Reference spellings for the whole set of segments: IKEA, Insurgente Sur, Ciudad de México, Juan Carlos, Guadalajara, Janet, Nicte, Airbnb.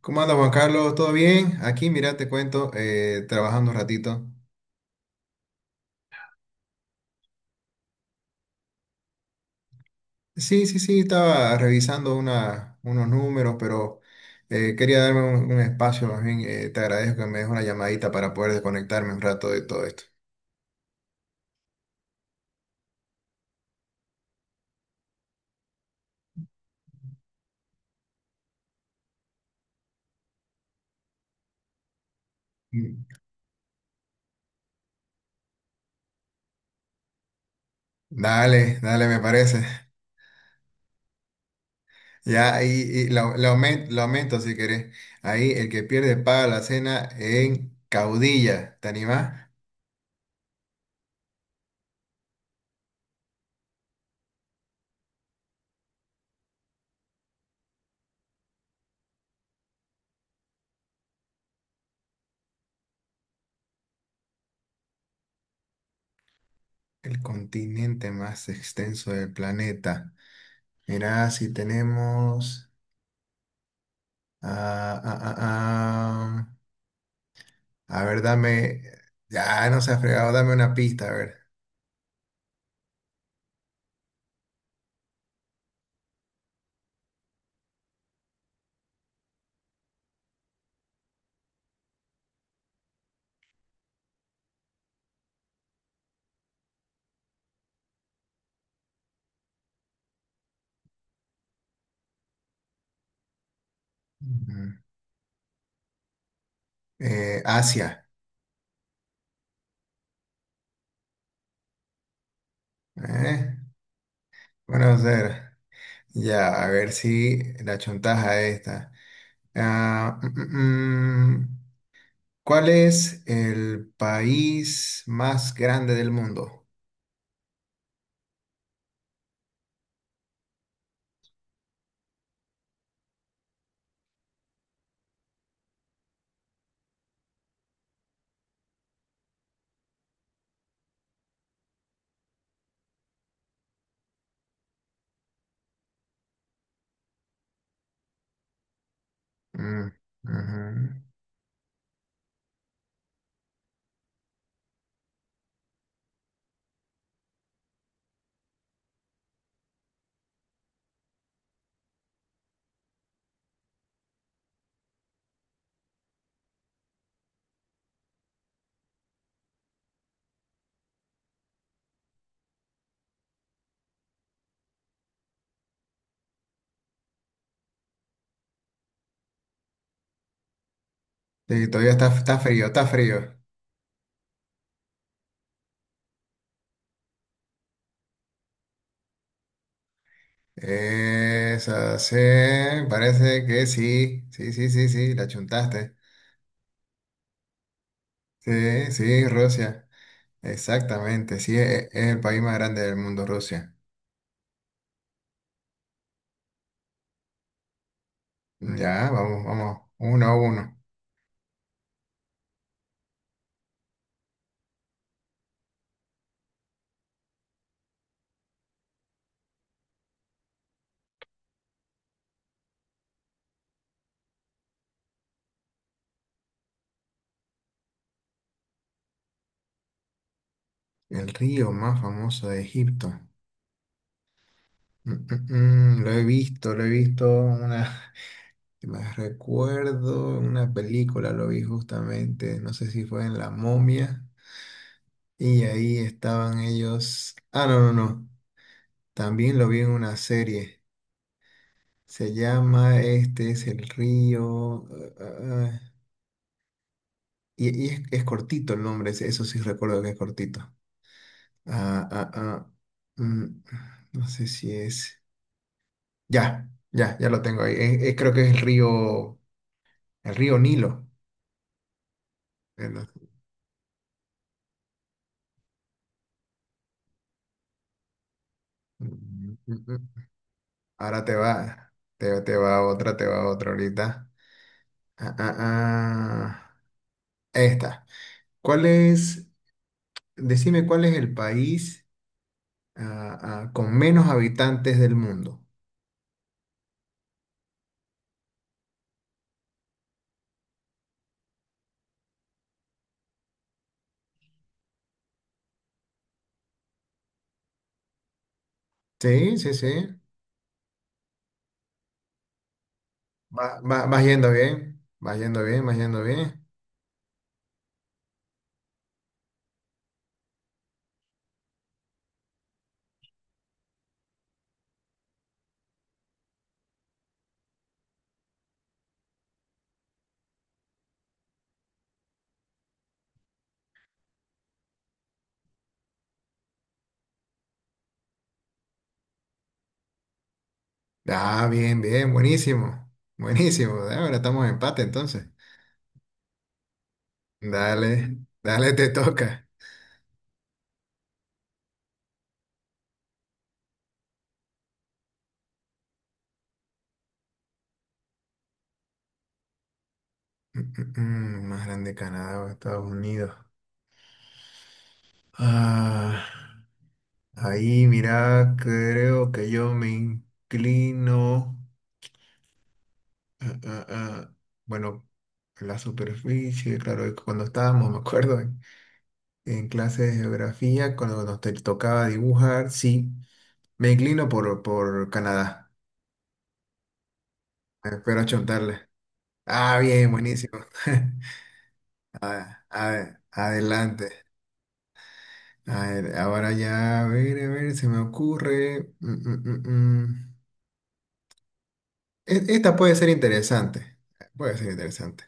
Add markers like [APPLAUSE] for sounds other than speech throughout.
¿Cómo anda Juan Carlos? ¿Todo bien? Aquí, mira, te cuento, trabajando un ratito. Sí, sí, sí, estaba revisando unos números, pero quería darme un espacio más bien. Te agradezco que me des una llamadita para poder desconectarme un rato de todo esto. Mm. Dale, dale, me parece. [LAUGHS] Ya, y lo aumento si querés. Ahí, el que pierde paga la cena en Caudilla. ¿Te animás? El continente más extenso del planeta. Mirá, si tenemos. Ah, ah, ah, ah. A ver, dame. Ya no se ha fregado, dame una pista, a ver. Ujú. Asia. ¿Eh? Bueno, a Ya, a ver si la chontaja esta. Ah, mm, mm, mm. ¿Cuál es el país más grande del mundo? Mm, ujú. Sí, todavía está frío, está frío. Esa sí, parece que sí. Sí, sí, sí, sí, la chuntaste. Sí, sí, Rusia. Exactamente. Sí, es, el país más grande del mundo, Rusia. Ya, vamos, vamos. 1-1. El río más famoso de Egipto. Lo he visto, lo he visto una. [LAUGHS] Me recuerdo en una película, lo vi justamente. No sé si fue en La Momia. Y ahí estaban ellos. Ah, no, no, no. También lo vi en una serie. Se llama Este es el río. Y es cortito el nombre, eso sí recuerdo que es cortito. Ah, ah, ah. Mm, no sé si es. Ya, ya, ya lo tengo ahí. Creo que es el río, Nilo. No- Mm, mm, mm. Mm. Ahora te va otra ahorita. Ah, ah, ah. Esta. ¿Cuál es, decime cuál es el país con menos habitantes del mundo? Sí, sí, sí. Vas yendo bien, vas yendo bien, vas yendo bien. Ah, bien, bien, buenísimo, buenísimo. Ah, ahora estamos en empate entonces. Dale, dale, te toca. Mm, Más grande Canadá o Estados Unidos. Ah, ahí, mira, creo que yo me inclino. Ah, ah, ah. Bueno, la superficie, claro, es que cuando estábamos, me acuerdo, en, clase de geografía, cuando nos te tocaba dibujar, sí. Me inclino por Canadá. Espero achontarle. Ah, bien, buenísimo. [LAUGHS] Adelante. A ver, ahora ya, a ver, se me ocurre. Mm, mm, mm, mm. Esta puede ser interesante. Puede ser interesante.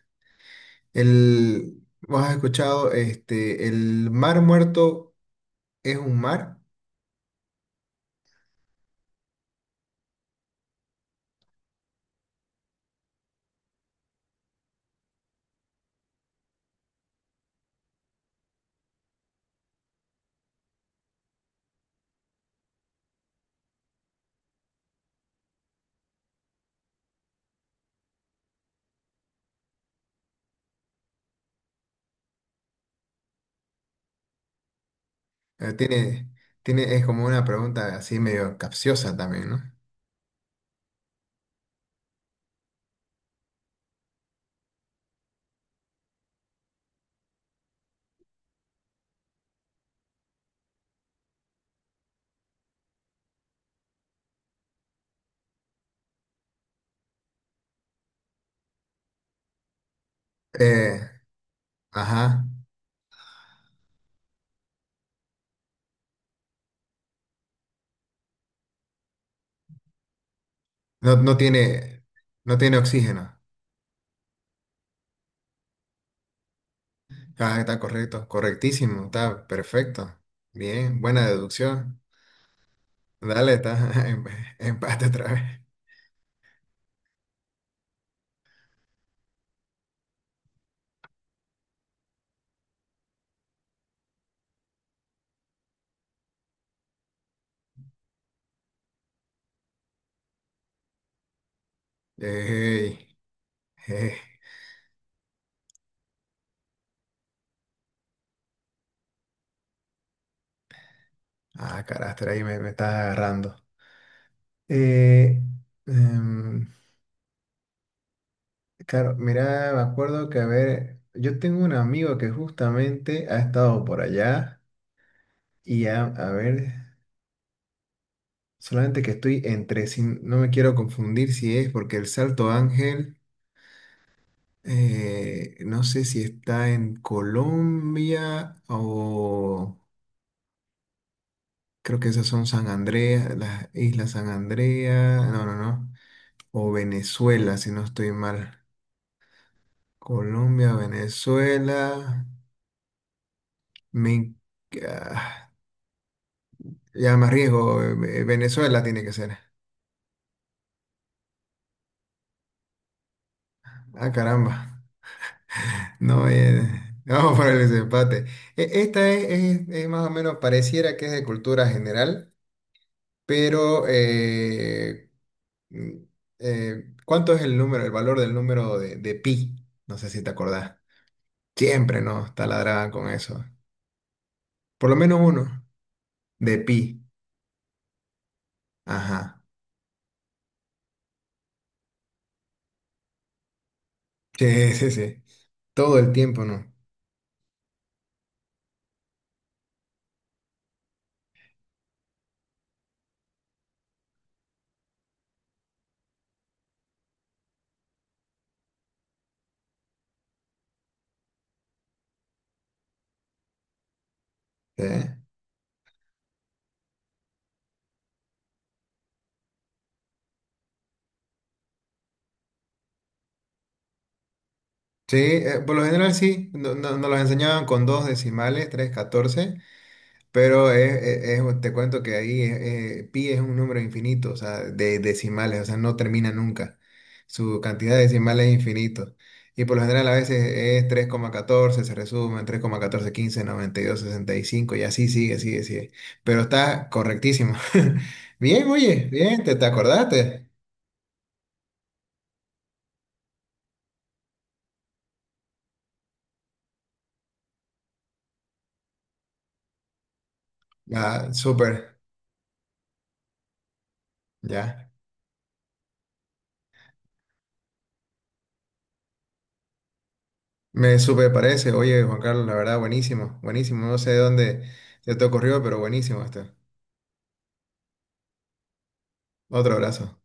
¿Vos has escuchado? Este, el Mar Muerto es un mar. Eh, tiene, es como una pregunta así medio capciosa también, ¿no? Eh, ajá. No, no tiene oxígeno. Ah, está correcto, correctísimo, está perfecto. Bien, buena deducción. Dale, está [LAUGHS] empate otra vez. Ey, eh. Ah, carácter, ahí me estás agarrando. Eh, em, claro, mira, me acuerdo que, a ver, yo tengo un amigo que justamente ha estado por allá y a ver, solamente que estoy entre, si, no me quiero confundir si es porque el Salto Ángel... No sé si está en Colombia o creo que esas son San Andrea, las Islas San Andrea, no, no, no, o Venezuela, si no estoy mal. Colombia, Venezuela, me... ah, ya me arriesgo, Venezuela tiene que ser. Ah, caramba. No, [LAUGHS] vamos para el desempate. Esta es, más o menos, pareciera que es de cultura general, pero... Mm, ¿cuánto es el número, el valor del número de pi? No sé si te acordás. Siempre nos taladraban con eso. Por lo menos uno de pi. Ajá. Sí, [LAUGHS] sí, sí. Todo el tiempo, ¿no? Sí. Sí, por lo general sí. Nos los enseñaban con dos decimales, tres, catorce. Pero te cuento que ahí pi es un número infinito, o sea, de decimales, o sea, no termina nunca. Su cantidad de decimales es infinito. Y por lo general a veces es 3,14 se resumen, 3,14, 15, 92, 65, y dos, sesenta y cinco, y así sigue, sigue, sigue. Pero está correctísimo. [LAUGHS] Bien, oye, bien, ¿te acordaste? Ah, súper, ya. Me súper parece. Oye, Juan Carlos, la verdad, buenísimo, buenísimo. No sé de dónde se te ocurrió, pero buenísimo esto. Otro abrazo.